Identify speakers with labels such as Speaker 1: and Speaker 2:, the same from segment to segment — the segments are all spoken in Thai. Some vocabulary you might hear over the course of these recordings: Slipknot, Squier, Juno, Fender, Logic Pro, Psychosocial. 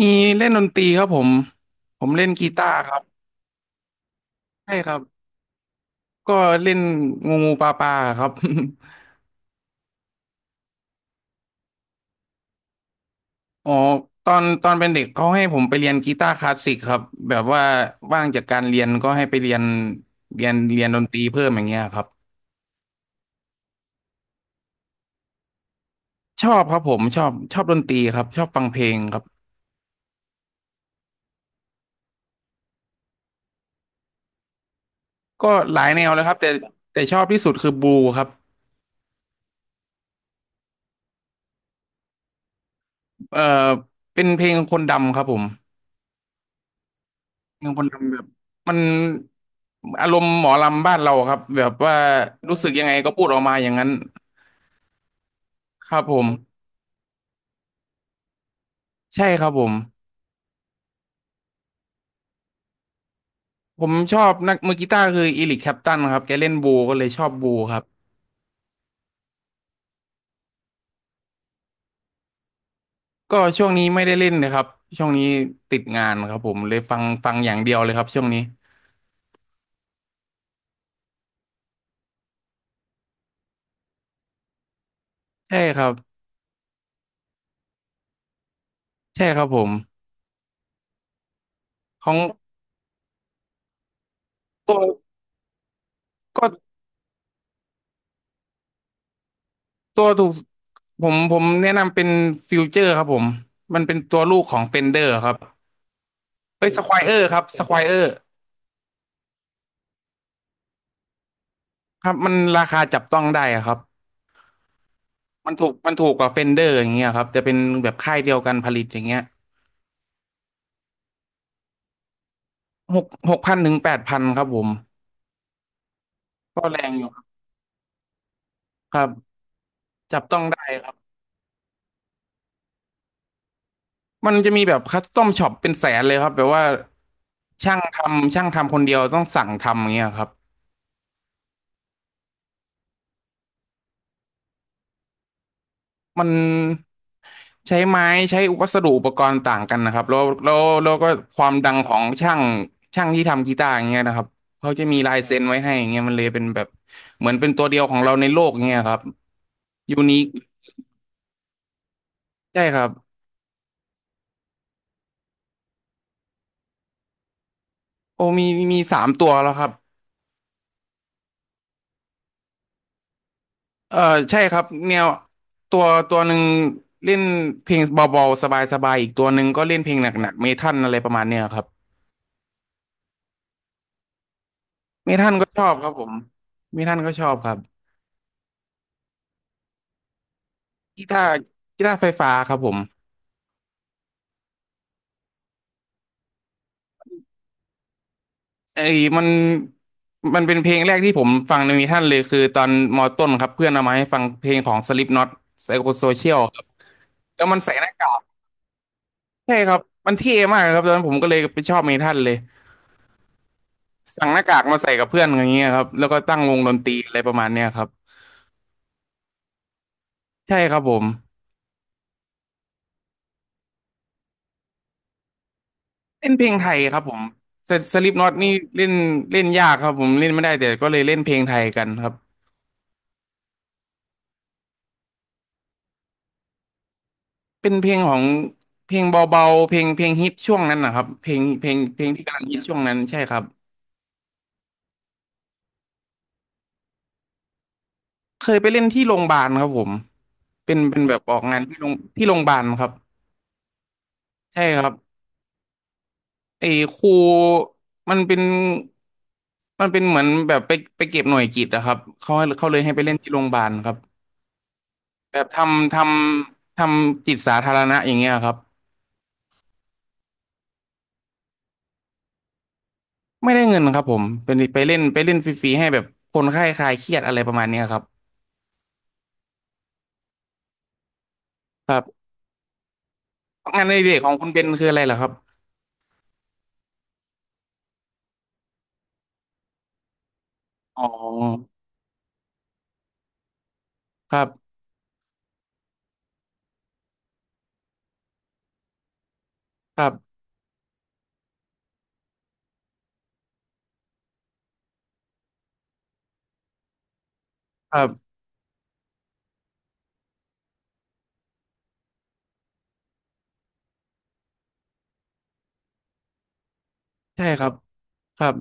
Speaker 1: มีเล่นดนตรีครับผมเล่นกีตาร์ครับใช่ครับก็เล่นงูงูปลาปลาครับ อ๋อตอนเป็นเด็กเขาให้ผมไปเรียนกีตาร์คลาสสิกครับแบบว่าว่างจากการเรียนก็ให้ไปเรียนดนตรีเพิ่มอย่างเงี้ยครับชอบครับผมชอบดนตรีครับชอบฟังเพลงครับก็หลายแนวเลยครับแต่ชอบที่สุดคือบูครับเอ่อเป็นเพลงคนดำครับผม ยังคนทำแบบมันอารมณ์หมอลำบ้านเราครับแบบว่ารู้สึกยังไงก็พูดออกมาอย่างนั้นครับผมใช่ครับผมชอบนักมือกีตาร์คืออีริกแคลปตันครับแกเล่นบูก็เลยชอบบูครับก็ช่วงนี้ไม่ได้เล่นนะครับช่วงนี้ติดงานครับผมเลยฟังอย่างเดียวเลยครับช่วงนี้ใช่ครับใช่ครับผมของตัวก็ตัวถูกผมแนะนำเป็นฟิวเจอร์ครับผมมันเป็นตัวลูกของเฟนเดอร์ครับเอ้ยสควอเออร์ครับสควอเออร์ ครับมันราคาจับต้องได้อะครับมันถูกกว่าเฟนเดอร์อย่างเงี้ยครับจะเป็นแบบค่ายเดียวกันผลิตอย่างเงี้ย6,000-8,000ครับผมก็แรงอยู่ครับครับจับต้องได้ครับมันจะมีแบบคัสตอมช็อปเป็นแสนเลยครับแบบว่าช่างทำคนเดียวต้องสั่งทำอย่างเงี้ยครับมัน ใช้ไม้ใช้วัสดุอุปกรณ์ต่างกันนะครับแล้วก็ความดังของช่างที่ทำกีตาร์อย่างเงี้ยนะครับเขาจะมีลายเซ็นไว้ให้อย่างเงี้ยมันเลยเป็นแบบเหมือนเป็นตัวเดียวของเราในโลกเงี้ยครับยูนิคใช่ครับโอ้มีสามตัวแล้วครับเออใช่ครับแนวตัวตัวหนึ่งเล่นเพลงเบาๆสบายๆอีกตัวหนึ่งก็เล่นเพลงหนักๆเมทัลอะไรประมาณเนี้ยครับเมทัลก็ชอบครับผมเมทัลก็ชอบครับกีตาร์กีตาร์ไฟฟ้าครับผม ไอ้มันมันเป็นเพลงแรกที่ผมฟังในมีท่านเลยคือตอนมอต้นครับเพื่อนเอามาให้ฟังเพลงของ Slipknot Psychosocial ครับแล้วมันใส่หน้ากากใช่ครับมันเท่มากครับตอนนั้นผมก็เลยไปชอบมีท่านเลยสั่งหน้ากากมาใส่กับเพื่อนอย่างเงี้ยครับแล้วก็ตั้งวงดนตรีอะไรประมาณเนี้ยครับใช่ครับผมเล่นเพลงไทยครับผมสลิปน็อตนี่เล่นเล่นยากครับผมเล่นไม่ได้แต่ก็เลยเล่นเพลงไทยกันครับเป็นเพลงของเพลงเบาๆเพลงฮิตช่วงนั้นนะครับเพลงที่กำลังฮิตช่วงนั้นใช่ครับ เคยไปเล่นที่โรงพยาบาลครับผมเป็นแบบออกงานที่โรงพยาบาลครับใช่ครับไอ้ครูมันเป็นมันเป็นเหมือนแบบไปเก็บหน่วยกิตอะครับเขาเลยให้ไปเล่นที่โรงพยาบาลครับแบบทำจิตสาธารณะอย่างเงี้ยครับไม่ได้เงินครับผมเป็นไปเล่นฟรีๆให้แบบคนไข้คลายเครียดอะไรประมาณเนี้ยครับครับงานในเด็กของคุณเบนคืออะไรเหรอครับอ๋อครับครับครับใช่ครับครับ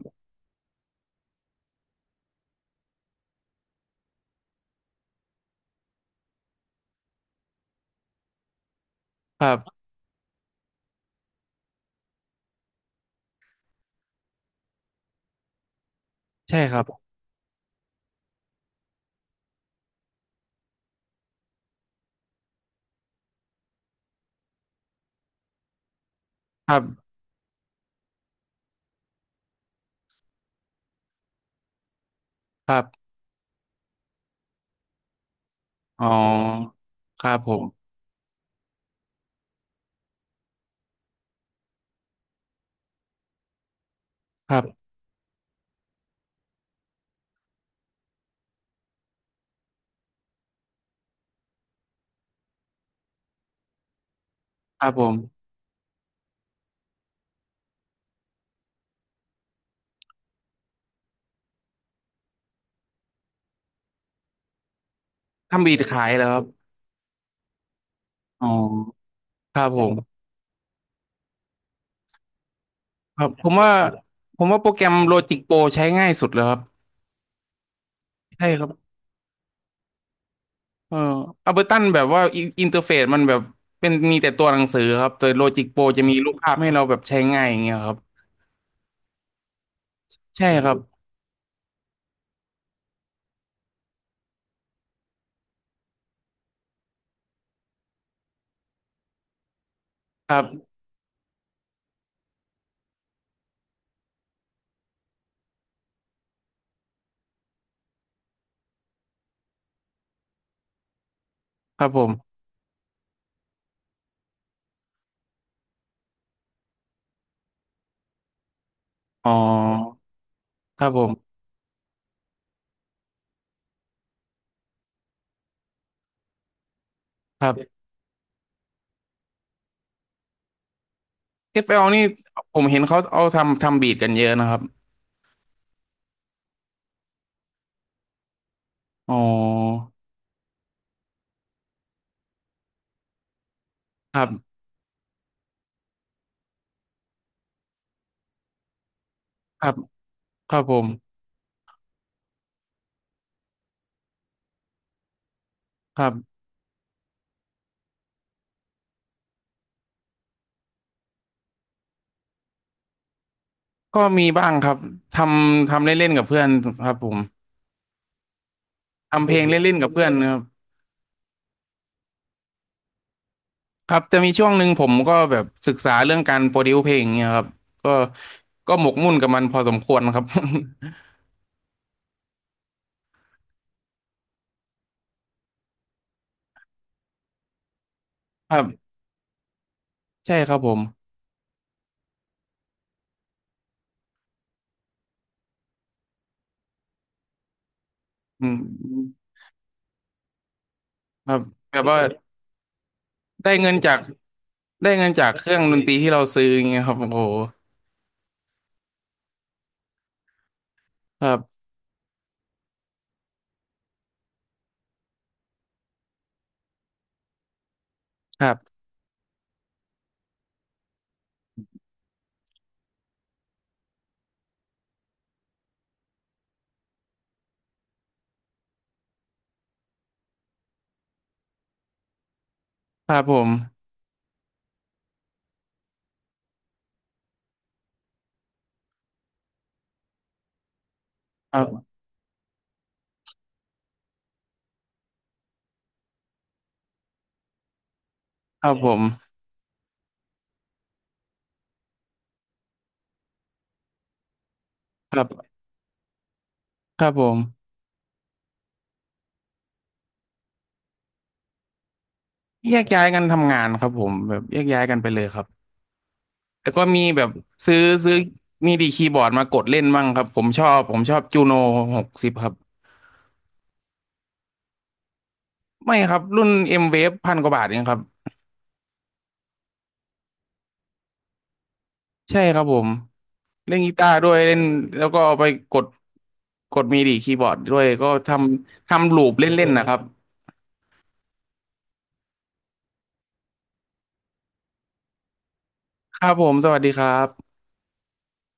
Speaker 1: ครับใช่ครับครับ ครับอ๋อครับผมครับครับผมทำบีดขายเหรอครับอ๋อครับผมครับผมว่าโปรแกรม Logic Pro ใช้ง่ายสุดแล้วครับ ใช่ครับเอออัลเบอร์ตันแบบว่าอินเทอร์เฟซมันแบบเป็นมีแต่ตัวหนังสือครับแต่ Logic Pro จะมีรูปภาพให้เราแบบใช้ง่ายอย่างเงี้ยครับใช่ครับครับ ครับผมอ๋อครับผมครับเอ l นี่ผมเห็นเขาเอาทำบีทกันเยอะนะครับอ๋อครับครับครับผมครับ ก็มีบ้างครับททำเล่นๆกับเพื่อนครับผมทำเพอืลงมเล่นๆกับเพื่อนครับครับจะมีช่วงหนึ่งผมก็แบบศึกษาเรื่องการโปรดิวเพลงเนี่ยครับก็ก็หมกมุ่นกับมันพอสมควรครับ ครับใช่ครับผมอืมครับแบบว่าได้เงินจากได้เงินจากเครื่องดนตรีที่เราซื้ออย่างเงี้ยครับโอ้โหครับครับครับผมครับครับผมครับครับผมแยกย้ายกันทำงานครับผมแบบแยกย้ายกันไปเลยครับ แล้วก็มีแบบซื้อซื้อมีดีคีย์บอร์ดมากดเล่นบ้างครับผมชอบจูโน60ครับไม่ครับรุ่น M-Wave พันกว่าบาทเองครับใช่ครับผมเล่นกีตาร์ด้วยเล่นแล้วก็เอาไปกดมีดีคีย์บอร์ดด้วยก็ทำลูปเล่นๆนะครับครับผมสวัสดีครับ